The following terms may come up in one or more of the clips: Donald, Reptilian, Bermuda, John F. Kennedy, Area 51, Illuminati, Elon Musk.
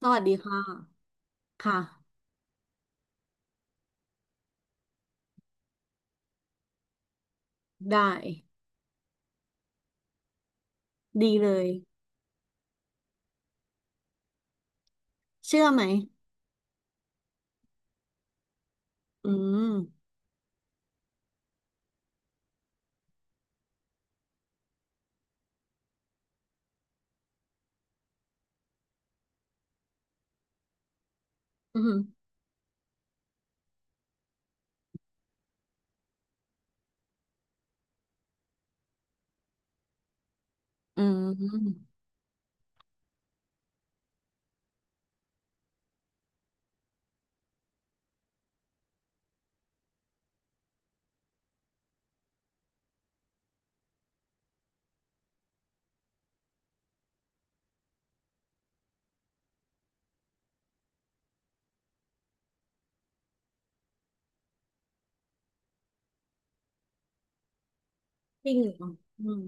สวัสดีค่ะค่ะได้ดีเลย เชื่อไหมอืมอืมอืมจริงเหรออืม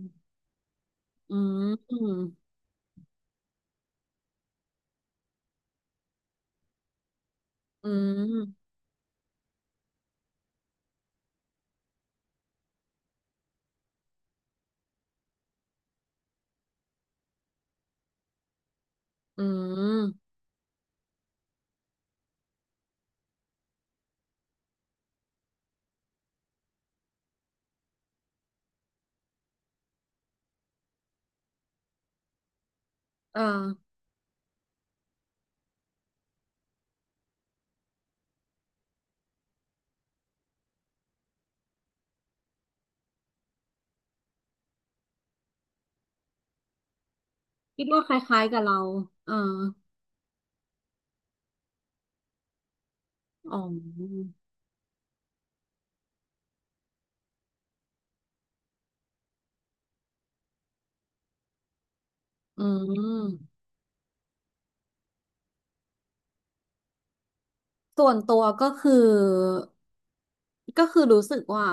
อืมอืมอืมอืมเออคิดว่าคล้ายๆกับเราเอออ๋ออืมส่วนตัวก็คือรู้สึกว่า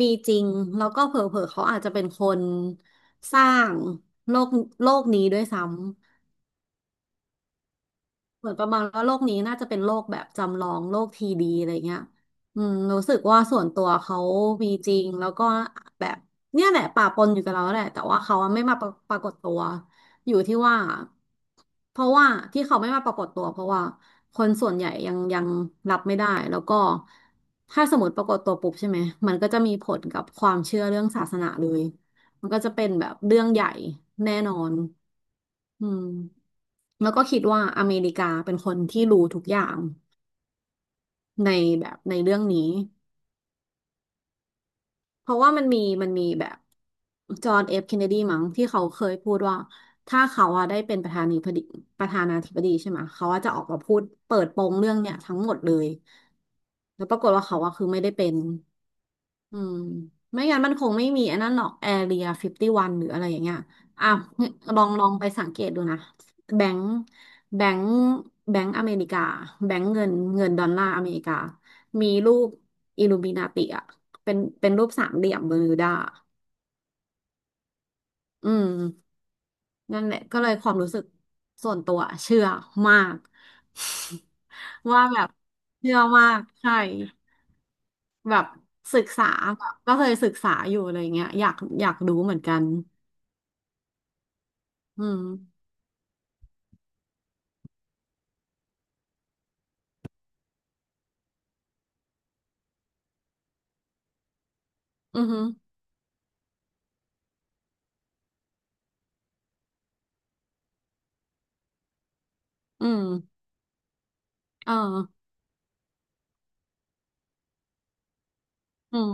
มีจริงแล้วก็เผลอๆเขาอาจจะเป็นคนสร้างโลกโลกนี้ด้วยซ้ำ เหมือนประมาณว่าโลกนี้น่าจะเป็นโลกแบบจำลองโลกทีดีอะไรเงี้ยอืมรู้สึกว่าส่วนตัวเขามีจริงแล้วก็แบบเนี่ยแหละป่าปนอยู่กับเราแหละแต่ว่าเขาไม่มาปรากฏตัวอยู่ที่ว่าเพราะว่าที่เขาไม่มาปรากฏตัวเพราะว่าคนส่วนใหญ่ยังรับไม่ได้แล้วก็ถ้าสมมติปรากฏตัวปุ๊บใช่ไหมมันก็จะมีผลกับความเชื่อเรื่องศาสนาเลย มันก็จะเป็นแบบเรื่องใหญ่แน่นอนอืมแล้วก็คิดว่าอเมริกาเป็นคนที่รู้ทุกอย่างในเรื่องนี้ เพราะว่ามันมีแบบจอห์นเอฟเคนเนดีมั้งที่เขาเคยพูดว่าถ้าเขาอะได้เป็นประธานาธิบดีประธานาธิบดีใช่ไหมเขาอะจะออกมาพูดเปิดโปงเรื่องเนี่ยทั้งหมดเลยแล้วปรากฏว่าเขาอะคือไม่ได้เป็น อืมไม่งั้นมันคงไม่มีไอันนั้นหรอกแอเรียฟิฟตี้วันหรืออะไรอย่างเงี้ยอ่ะลองไปสังเกตดูนะแบงก์แบงก์แบงก์อเมริกาแบงค์เงินเงินดอลลาร์อเมริกามีรูปอิลูมินาติอ่ะเป็นรูปสามเหลี่ยมเบอร์มิวดาอืมนั่นแหละก็เลยความรู้สึกส่วนตัวเชื่อมาก ว่าแบบเชื่อมากใช่ แบบศึกษาแบบก็เคยศึกษาอยู่อะไรเงี้ยอยากรู้เหมือนกันอืมอือหืออืมเอออืม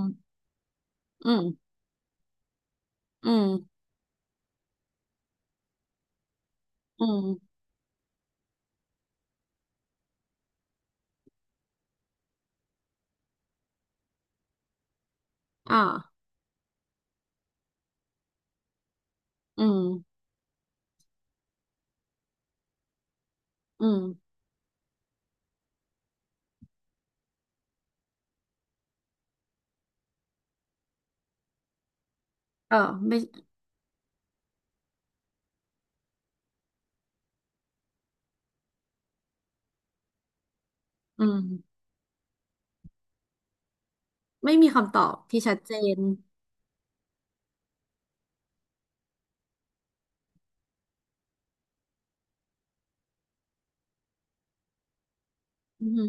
อืมอืมอืมอ่าอืมอืมเออไม่อืมไม่มีคำตอบที่ชัดเจนอือหือ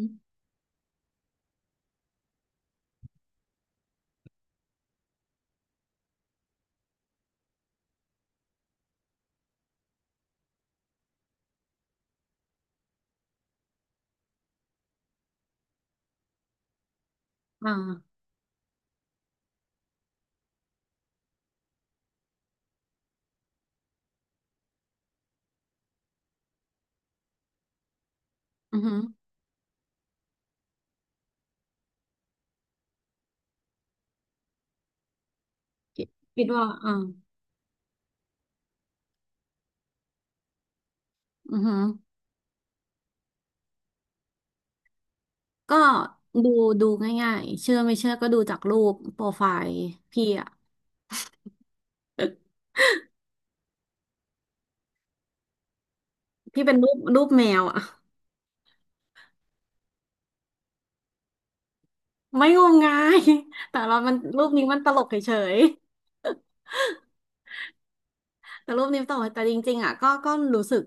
อ่าอือหือคิดคิดว่าอ่าอือหือก็ดูดูง่ายๆเชื่อไม่เชื่อก็ดูจากรูปโปรไฟล์พี่อะพี่เป็นรูปแมวอะ ไม่งมงาย แต่เรามันรูปนี้มันตลกเฉยๆแต่รูปนี้ตลกแต่จริงๆอ่ะก็รู้สึก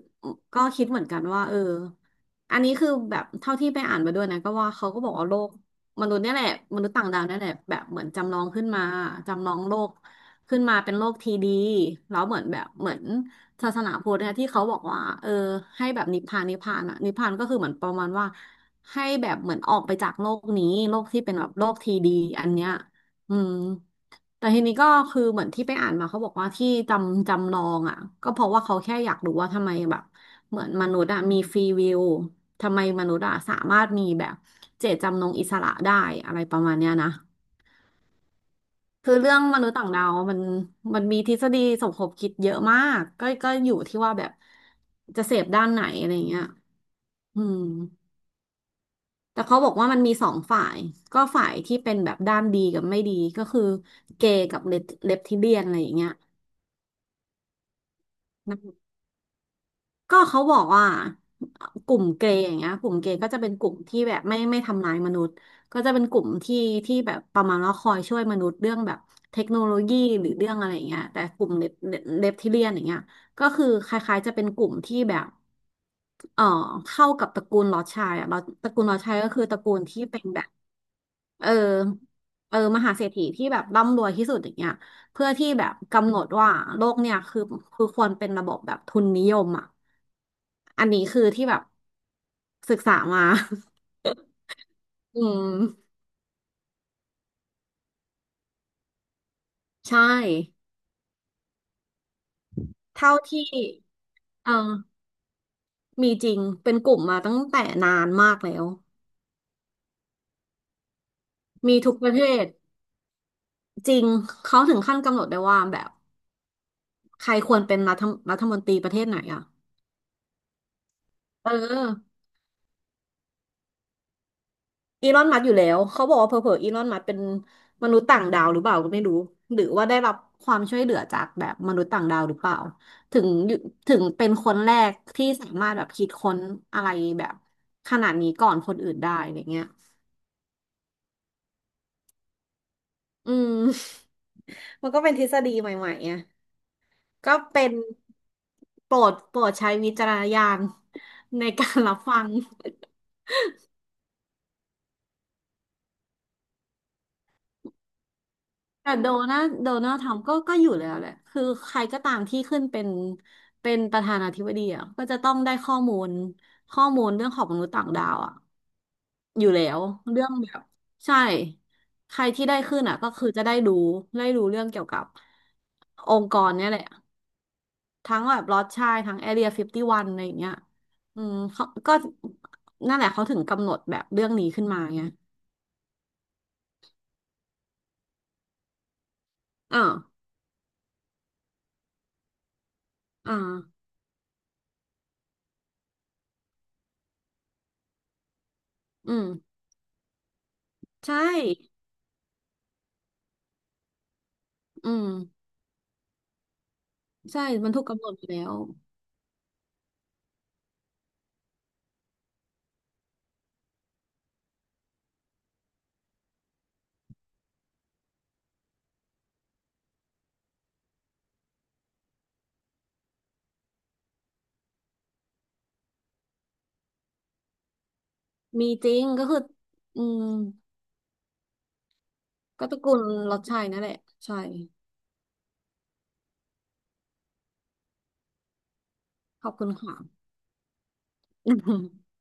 ก็คิดเหมือนกันว่าเอออันนี้คือแบบเท่าที่ไปอ่านมาด้วยนะก็ว่าเขาก็บอกว่าโลกมนุษย์เนี่ยแหละมนุษย์ต่างดาวเนี่ยแหละแบบเหมือนจำลองขึ้นมาจำลองโลกขึ้นมาเป็นโลกทีดีแล้วเหมือนแบบเหมือนศาสนาพุทธเนี่ยที่เขาบอกว่าเออให้แบบนิพพานนิพพานอ่ะนิพพานก็คือเหมือนประมาณว่าให้แบบเหมือนออกไปจากโลกนี้โลกที่เป็นแบบโลกทีดีอันเนี้ย อืมแต่ทีนี้ก็คือเหมือนที่ไปอ่านมาเขาบอกว่าที่จำลองอ่ะก็เพราะว่าเขาแค่อยากรู้ว่าทำไมแบบเหมือนมนุษย์อ่ะมีฟรีวิลทำไมมนุษย์อ่ะสามารถมีแบบเจตจำนงอิสระได้อะไรประมาณเนี้ยนะคือเรื่องมนุษย์ต่างดาวมันมีทฤษฎีสมคบคิดเยอะมากก็อยู่ที่ว่าแบบจะเสพด้านไหนอะไรเงี้ยอืมแต่เขาบอกว่ามันมีสองฝ่ายก็ฝ่ายที่เป็นแบบด้านดีกับไม่ดีก็คือเกย์กับเลปทิเลียนอะไรอย่างเงี้ย นะก็เขาบอกว่ากลุ่มเกย์อย่างเงี้ยกลุ่มเกย์ก็จะเป็นกลุ่มที่แบบไม่ทำร้ายมนุษย์ก็จะเป็นกลุ่มที่ที่แบบประมาณว่าคอยช่วยมนุษย์เรื่องแบบเทคโนโลยีหรือเรื่องอะไรอย่างเงี้ยแต่กลุ่มเลปเทเลียนอย่างเงี้ยก็คือคล้ายๆจะเป็นกลุ่มที่แบบ เอ่อเข้ากับตระกูลลอร์ดชายอะลอร์ดตระกูลลอร์ดชายก็คือตระกูลที่เป็นแบบเออมหาเศรษฐีที่แบบร่ำรวยที่สุดอย่างเงี้ยเพื่อที่แบบกำหนดว่าโลกเนี่ยคือควรเป็นระบบแบบทุนนิยมอ่ะอันนี้คือที่แบบศึกษามา อืมใช่เท่าที่เออมีจริงเป็นกลุ่มมาตั้งแต่นานมากแล้วมีทุกประเทศจริงเขาถึงขั้นกำหนดได้ว่าแบบ ใครควรเป็นรัฐมนตรีประเทศไหนอ่ะเอออีลอนมัสก์อยู่แล้ว เขาบอกว่าเผลอๆอีลอนมัสก์เป็นมนุษย์ต่างดาวหรือเปล่าก็ไม่รู้ หรือว่าได้รับความช่วยเหลือจากแบบมนุษย์ต่างดาวหรือเปล่า ถึงอยู่ถึงเป็นคนแรกที่สามารถแบบคิดค้นอะไรแบบขนาดนี้ก่อนคนอื่นได้อะไรเงี้ยอืม มันก็เป็นทฤษฎีใหม่ๆอ่ะก็เป็นโปรดใช้วิจารณญาณในการรับฟัง แต่โดนัลด์ทำก็ก็อยู่แล้วแหละ คือใครก็ตามที่ขึ้นเป็นประธานาธิบดีอ่ะก็จะต้องได้ข้อมูลเรื่องของมนุษย์ต่างดาวอ่ะอยู่แล้วเรื่องแบบใช่ใครที่ได้ขึ้นอ่ะก็คือจะได้รู้เรื่องเกี่ยวกับองค์กรเนี่ยแหละทั้งแบบลอตชายทั้งแอเรียฟิฟตี้วันอะไรอย่างเงี้ยอืมเขาก็นั่นแหละเขาถึงกำหนดแบบเรื่องนี้ขึ้นมาไงอ่าอ่าอืมใช่อืม ใช่มันถูกกำหนดอยู่แล้วมีจริงก็คืออืมก็ตระกูลรสชัยนั่นแหละใช่ขอบคุณค่ะ